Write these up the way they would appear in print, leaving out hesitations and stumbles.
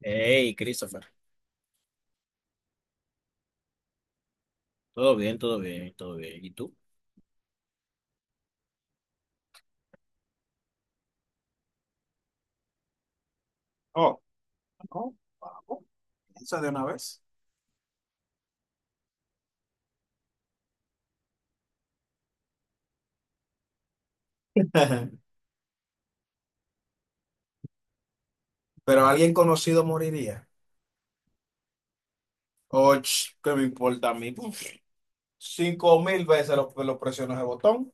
Hey, Christopher. Todo bien, todo bien, todo bien. ¿Y tú? Oh, no, vamos, piensa de una vez. Pero alguien conocido moriría. Och, ¿qué me importa a mí? Puf, 5.000 veces lo presiono ese botón.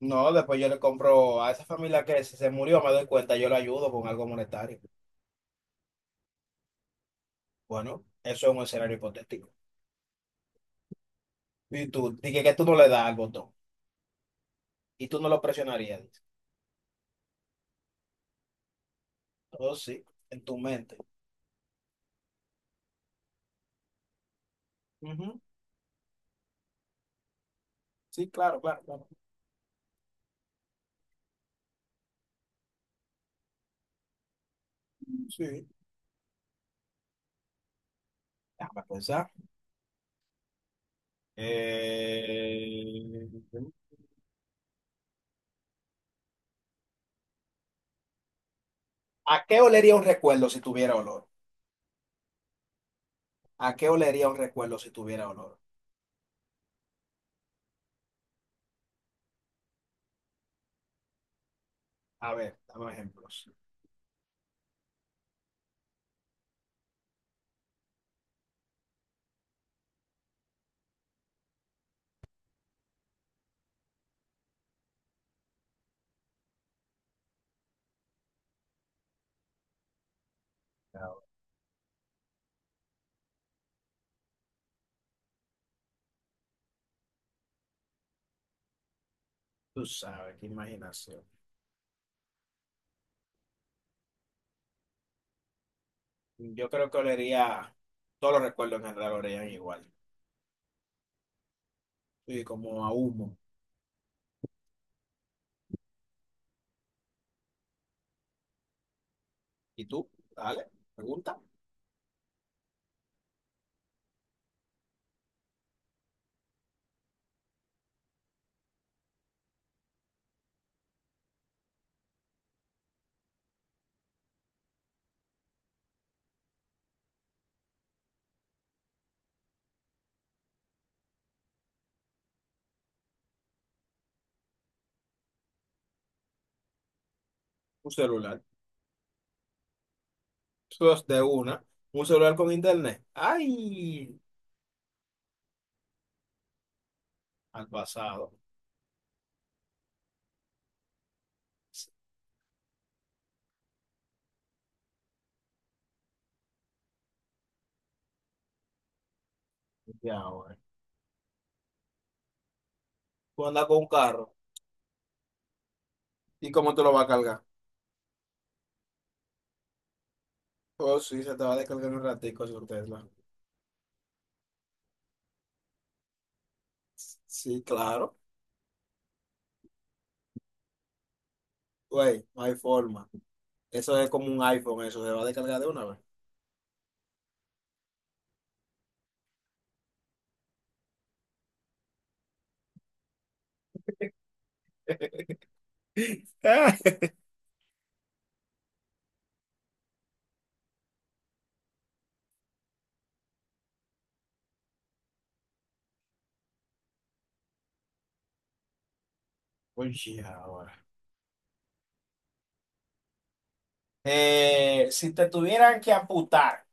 No, después yo le compro a esa familia que se murió, me doy cuenta, yo le ayudo con algo monetario. Bueno, eso es un escenario hipotético. Y tú, dije que tú no le das al botón y tú no lo presionarías, dice. Oh, sí, en tu mente. Ujú. Sí, claro, claro, claro. Sí, déjame pensar. Eh, ¿A qué olería un recuerdo si tuviera olor? ¿A qué olería un recuerdo si tuviera olor? A ver, dame ejemplos. Tú sabes, qué imaginación. Yo creo que olería, todos los recuerdos en general olerían igual. Sí, como a humo. ¿Y tú? Dale, pregunta. Un celular. Tú de una. Un celular con internet. ¡Ay! Al pasado. Ya, ahora. Tú andas con un carro. ¿Y cómo te lo vas a cargar? Oh, sí, se te va a descargar en un ratico, su Tesla. Sí, claro. Güey, no hay forma. Eso es como un iPhone, eso se va a descargar de una vez. Oye, ahora. Si te tuvieran que amputar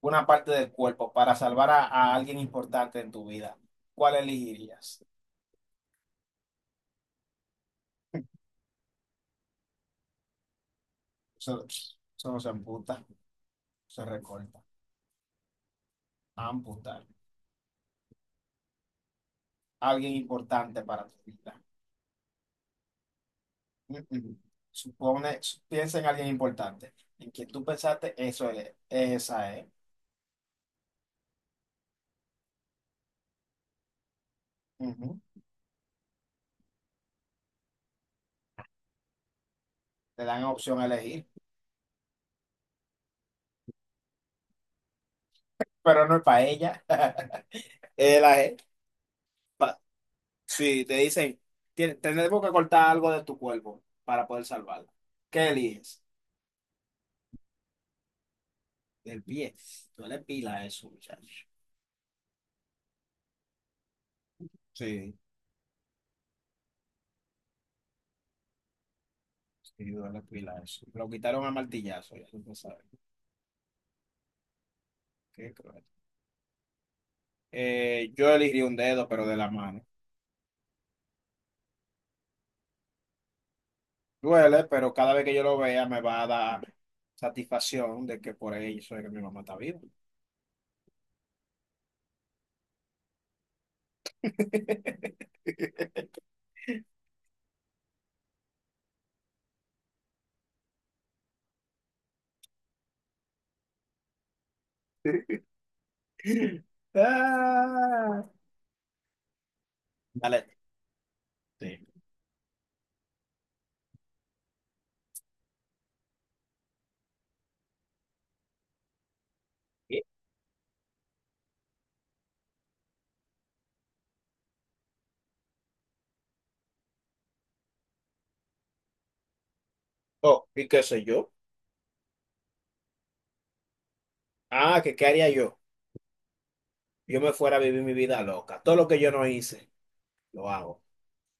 una parte del cuerpo para salvar a alguien importante en tu vida, ¿cuál elegirías? Eso, eso no se amputa, se recorta. Amputar. Alguien importante para tu vida. Mm, mm. Supone, piensa en alguien importante. En quien tú pensaste, eso es, esa es. Ujú. Te dan opción a elegir. Pero no es para ella. Eh, la pa- sí, te dicen, Tenemos que cortar algo de tu cuerpo para poder salvarla. ¿Qué eliges?" El pie. Duele pila eso, muchacho. Sí, sí, duele pila eso. Lo quitaron a martillazo, ya tú lo sabes. Qué cruel. Yo elegiría un dedo, pero de la mano. Duele, pero cada vez que yo lo vea me va a dar satisfacción de que por ahí soy que mi mamá está viva. Ah. Dale. Sí. Oh, ¿y qué sé yo? Ah, ¿que qué haría yo? Yo me fuera a vivir mi vida loca. Todo lo que yo no hice, lo hago.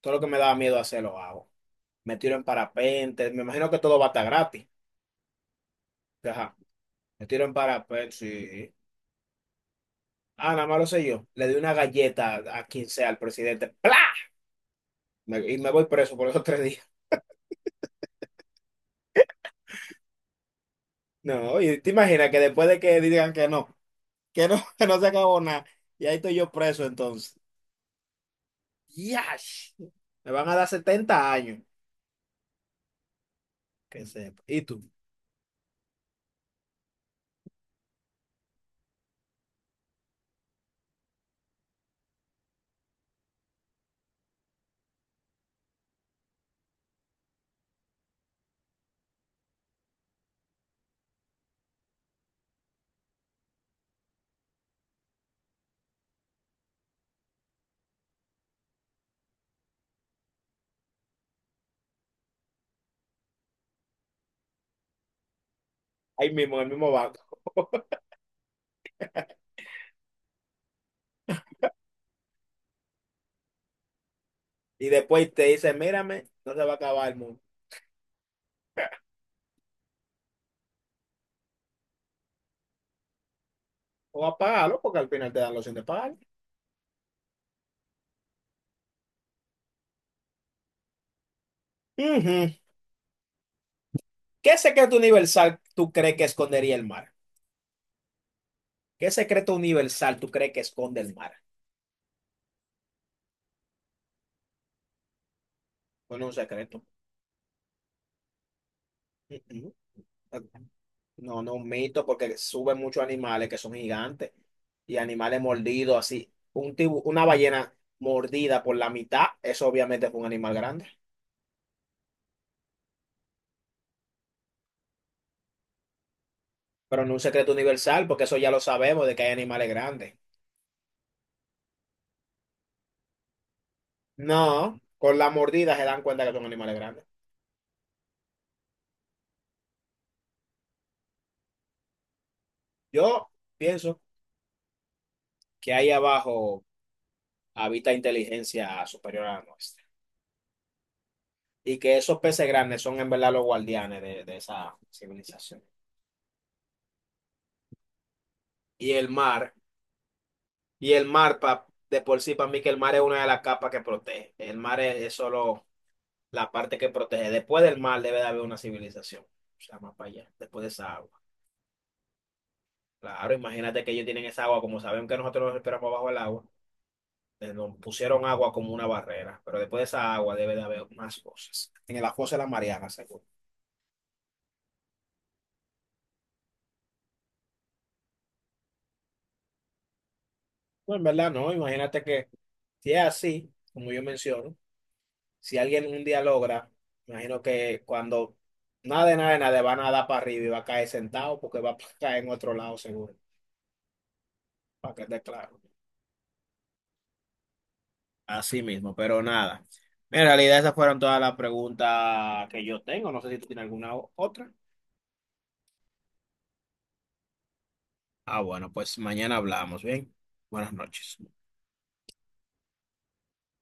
Todo lo que me daba miedo hacer, lo hago. Me tiro en parapente. Me imagino que todo va a estar gratis. Ajá. Me tiro en parapente, sí. Ah, nada más lo sé yo. Le doy una galleta a quien sea, al presidente. ¡Pla! Y me voy preso por esos 3 días. No, y te imaginas que después de que digan que no, que no se acabó nada, y ahí estoy yo preso entonces. ¡Yash! Me van a dar 70 años. Que sepa. ¿Y tú? Ahí mismo, en el mismo banco. Y después te dice, mírame, no se va a acabar el mundo. O apágalo porque al final te dan la opción de pagar. Ujú. ¿Qué secreto universal tú crees que escondería el mar? ¿Qué secreto universal tú crees que esconde el mar? Bueno, un secreto. Mm, mm. No, no, un mito porque suben muchos animales que son gigantes y animales mordidos así. Una ballena mordida por la mitad, eso obviamente fue un animal grande. Pero no un secreto universal porque eso ya lo sabemos de que hay animales grandes. No, con la mordida se dan cuenta que son animales grandes. Yo pienso que ahí abajo habita inteligencia superior a la nuestra y que esos peces grandes son en verdad los guardianes de esa civilización. Y el mar, y el mar de por sí, para mí que el mar es una de las capas que protege. El mar es solo la parte que protege. Después del mar debe de haber una civilización, o sea, más para allá, después de esa agua. Claro, imagínate que ellos tienen esa agua, como saben que nosotros nos esperamos bajo el agua. Nos pusieron agua como una barrera, pero después de esa agua debe de haber más cosas. En el fosa de la Mariana, seguro. No, en verdad no, imagínate que si es así, como yo menciono, si alguien un día logra, imagino que cuando nada de nada de nada van a dar para arriba y va a caer sentado porque va a caer en otro lado seguro, para que esté claro. Así mismo, pero nada. En realidad esas fueron todas las preguntas que yo tengo. No sé si tú tienes alguna otra. Ah, bueno, pues mañana hablamos, ¿bien? Buenas noches.